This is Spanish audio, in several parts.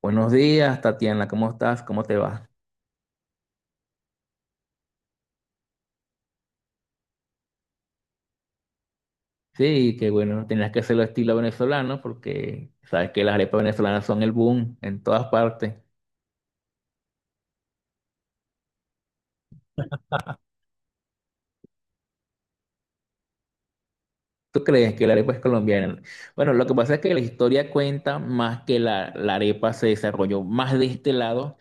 Buenos días, Tatiana, ¿cómo estás? ¿Cómo te va? Sí, que bueno, tenías que hacerlo estilo venezolano porque sabes que las arepas venezolanas son el boom en todas partes. ¿Tú crees que la arepa es colombiana? Bueno, lo que pasa es que la historia cuenta más que la arepa se desarrolló más de este lado.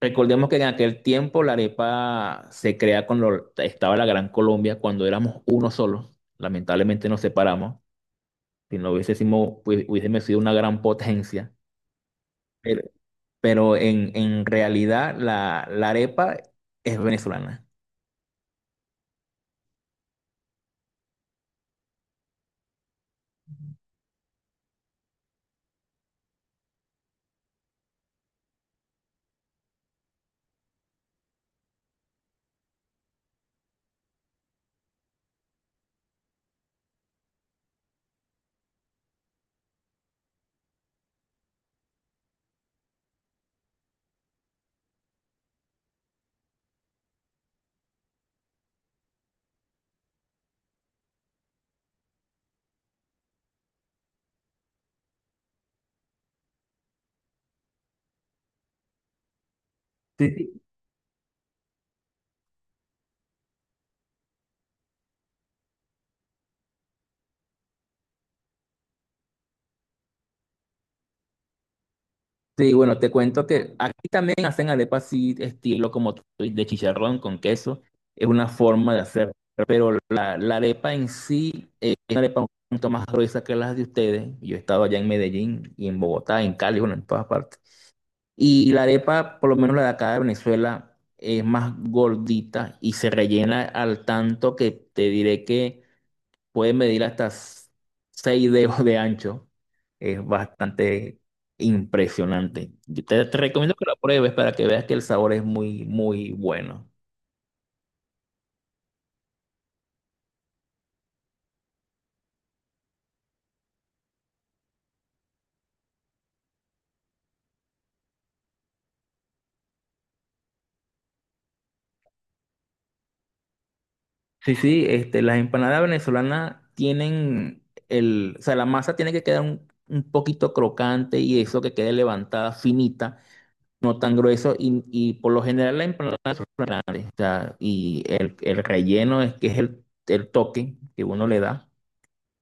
Recordemos que en aquel tiempo la arepa se crea cuando estaba la Gran Colombia, cuando éramos uno solo. Lamentablemente nos separamos. Si no hubiésemos, pues, hubiésemos sido una gran potencia. Pero en realidad la arepa es venezolana. Sí, sí. Sí, bueno, te cuento que aquí también hacen arepas así, estilo como tú, dices, de chicharrón con queso. Es una forma de hacer, pero la arepa en sí es una arepa un poquito más gruesa que las de ustedes. Yo he estado allá en Medellín y en Bogotá, en Cali, bueno, en todas partes. Y la arepa, por lo menos la de acá de Venezuela, es más gordita y se rellena al tanto que te diré que puede medir hasta 6 dedos de ancho. Es bastante impresionante. Yo te recomiendo que lo pruebes para que veas que el sabor es muy, muy bueno. Sí, sí, este, las empanadas venezolanas tienen el, o sea, la masa tiene que quedar un poquito crocante y eso que quede levantada, finita, no tan grueso y por lo general la empanada, o sea, y el relleno es que es el toque que uno le da.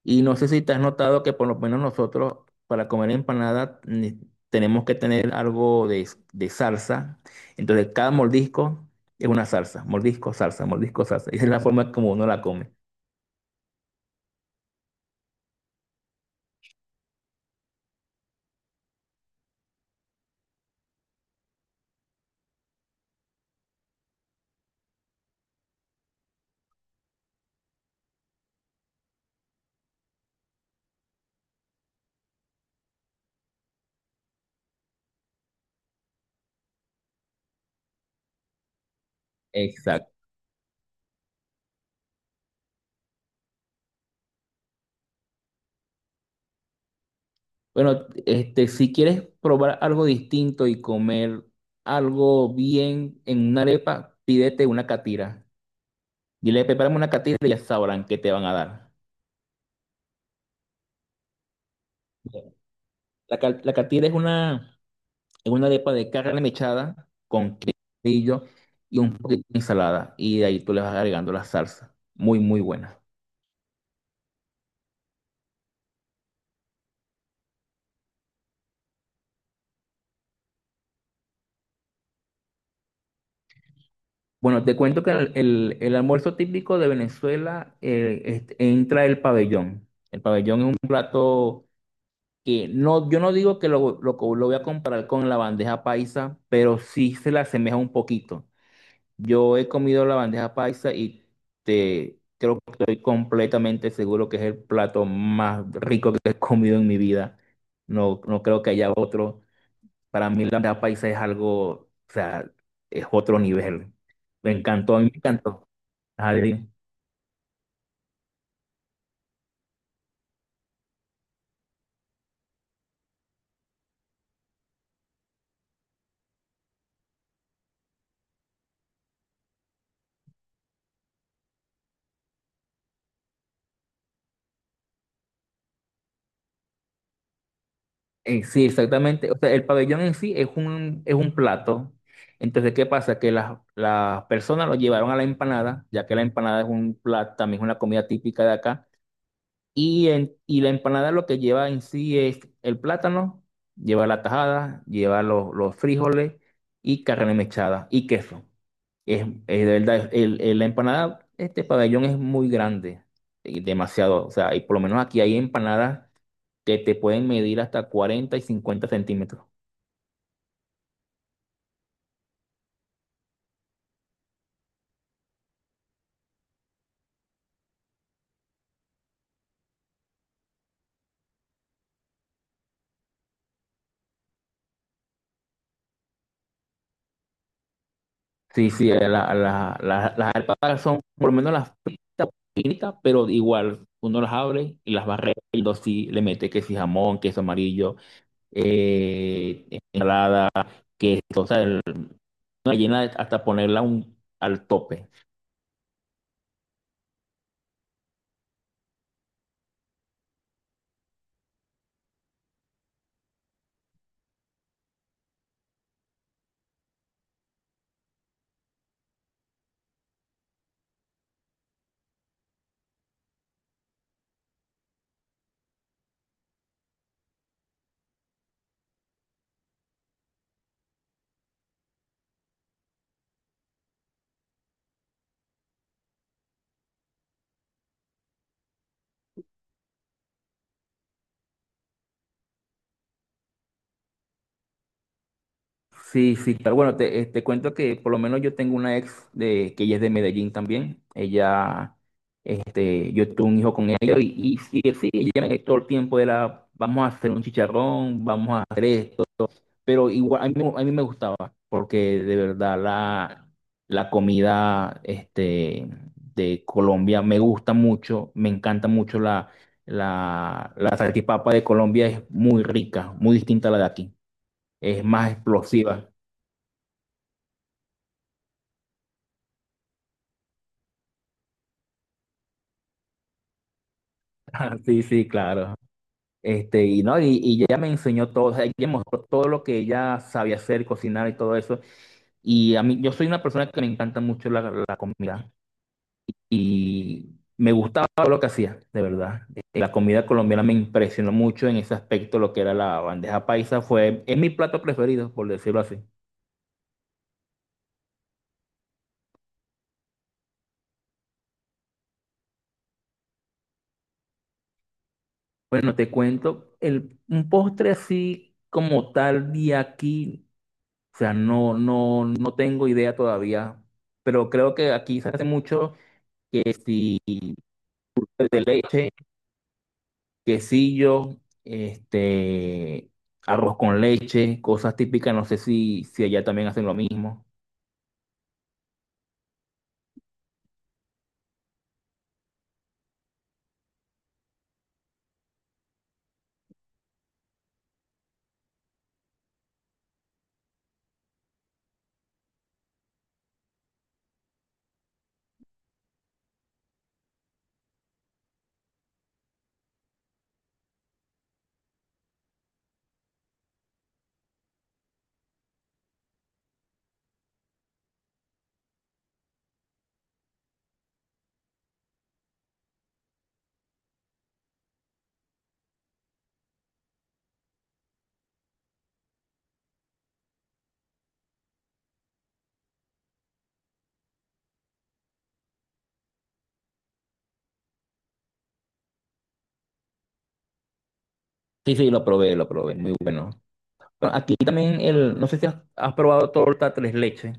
Y no sé si te has notado que por lo menos nosotros para comer tenemos que tener algo de salsa. Entonces cada mordisco es una salsa, mordisco, salsa, mordisco, salsa. Esa es la forma como uno la come. Exacto. Bueno, este, si quieres probar algo distinto y comer algo bien en una arepa, pídete una catira. Dile, prepárame una catira y ya sabrán qué te van a dar. La catira es una... en una arepa de carne mechada con quesillo y un poquito de ensalada. Y de ahí tú le vas agregando la salsa. Muy, muy buena. Bueno, te cuento que el almuerzo típico de Venezuela este, entra el pabellón. El pabellón es un plato que no, yo no digo que lo voy a comparar con la bandeja paisa, pero sí se le asemeja un poquito. Yo he comido la bandeja paisa y te creo que estoy completamente seguro que es el plato más rico que he comido en mi vida. No, no creo que haya otro. Para mí la bandeja paisa es algo, o sea, es otro nivel. Me encantó, a mí me encantó. Ajá, dime. Sí, exactamente. O sea, el pabellón en sí es un plato. Entonces, ¿qué pasa? Que las personas lo llevaron a la empanada, ya que la empanada es un plato, también es una comida típica de acá. Y, y la empanada lo que lleva en sí es el plátano, lleva la tajada, lleva los frijoles y carne mechada y queso. Es de verdad, la empanada, este pabellón es muy grande, y demasiado. O sea, y por lo menos aquí hay empanadas que te pueden medir hasta 40 y 50 cm. Sí, sí, las alpacas son por lo menos las fritas, finitas, pero igual uno las abre y las barre y lo sí le mete que si jamón, queso amarillo, eh, ensalada, queso, o sea, el- una gallina hasta ponerla un- al tope. Sí, sí, claro. Bueno, te, te cuento que por lo menos yo tengo una ex de, que ella es de Medellín también. Ella, este, yo tuve un hijo con ella y sí, sí, ella me- todo el tiempo era, vamos a hacer un chicharrón, vamos a hacer esto. Pero igual, a mí me gustaba, porque de verdad la comida este, de Colombia me gusta mucho, me encanta mucho la salchipapa de Colombia, es muy rica, muy distinta a la de aquí, es más explosiva. Sí, sí, claro. Este, y no, y ella me enseñó todo, o sea, ella me mostró todo lo que ella sabía hacer, cocinar y todo eso. Y a mí, yo soy una persona que me encanta mucho la comida. Y me gustaba lo que hacía, de verdad. La comida colombiana me impresionó mucho en ese aspecto, lo que era la bandeja paisa, fue, es mi plato preferido, por decirlo así. Bueno, te cuento, el, un postre así como tal de aquí, o sea, no, no, no tengo idea todavía, pero creo que aquí se hace mucho que si de leche, quesillo, este, arroz con leche, cosas típicas, no sé si, si allá también hacen lo mismo. Sí, sí, lo probé, muy bueno. Bueno, aquí también el, no sé si has, has probado torta tres leches,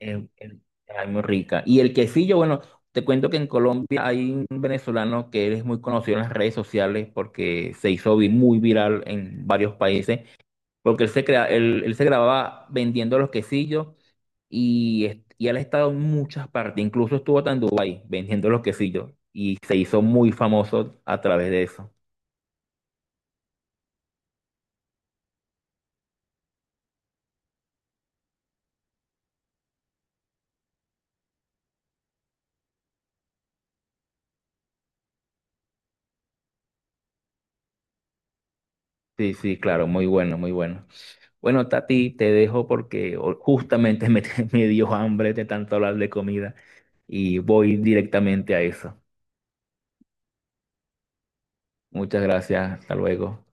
el- ay, muy rica. Y el quesillo, bueno, te cuento que en Colombia hay un venezolano que es muy conocido en las redes sociales porque se hizo muy viral en varios países, porque él se, crea, él se grababa vendiendo los quesillos y, es- y él ha estado en muchas partes, incluso estuvo hasta en Dubái vendiendo los quesillos y se hizo muy famoso a través de eso. Sí, sí, claro, muy bueno, muy bueno. Bueno, Tati, te dejo porque o- justamente me, me dio hambre de tanto hablar de comida y voy directamente a eso. Muchas gracias, hasta luego.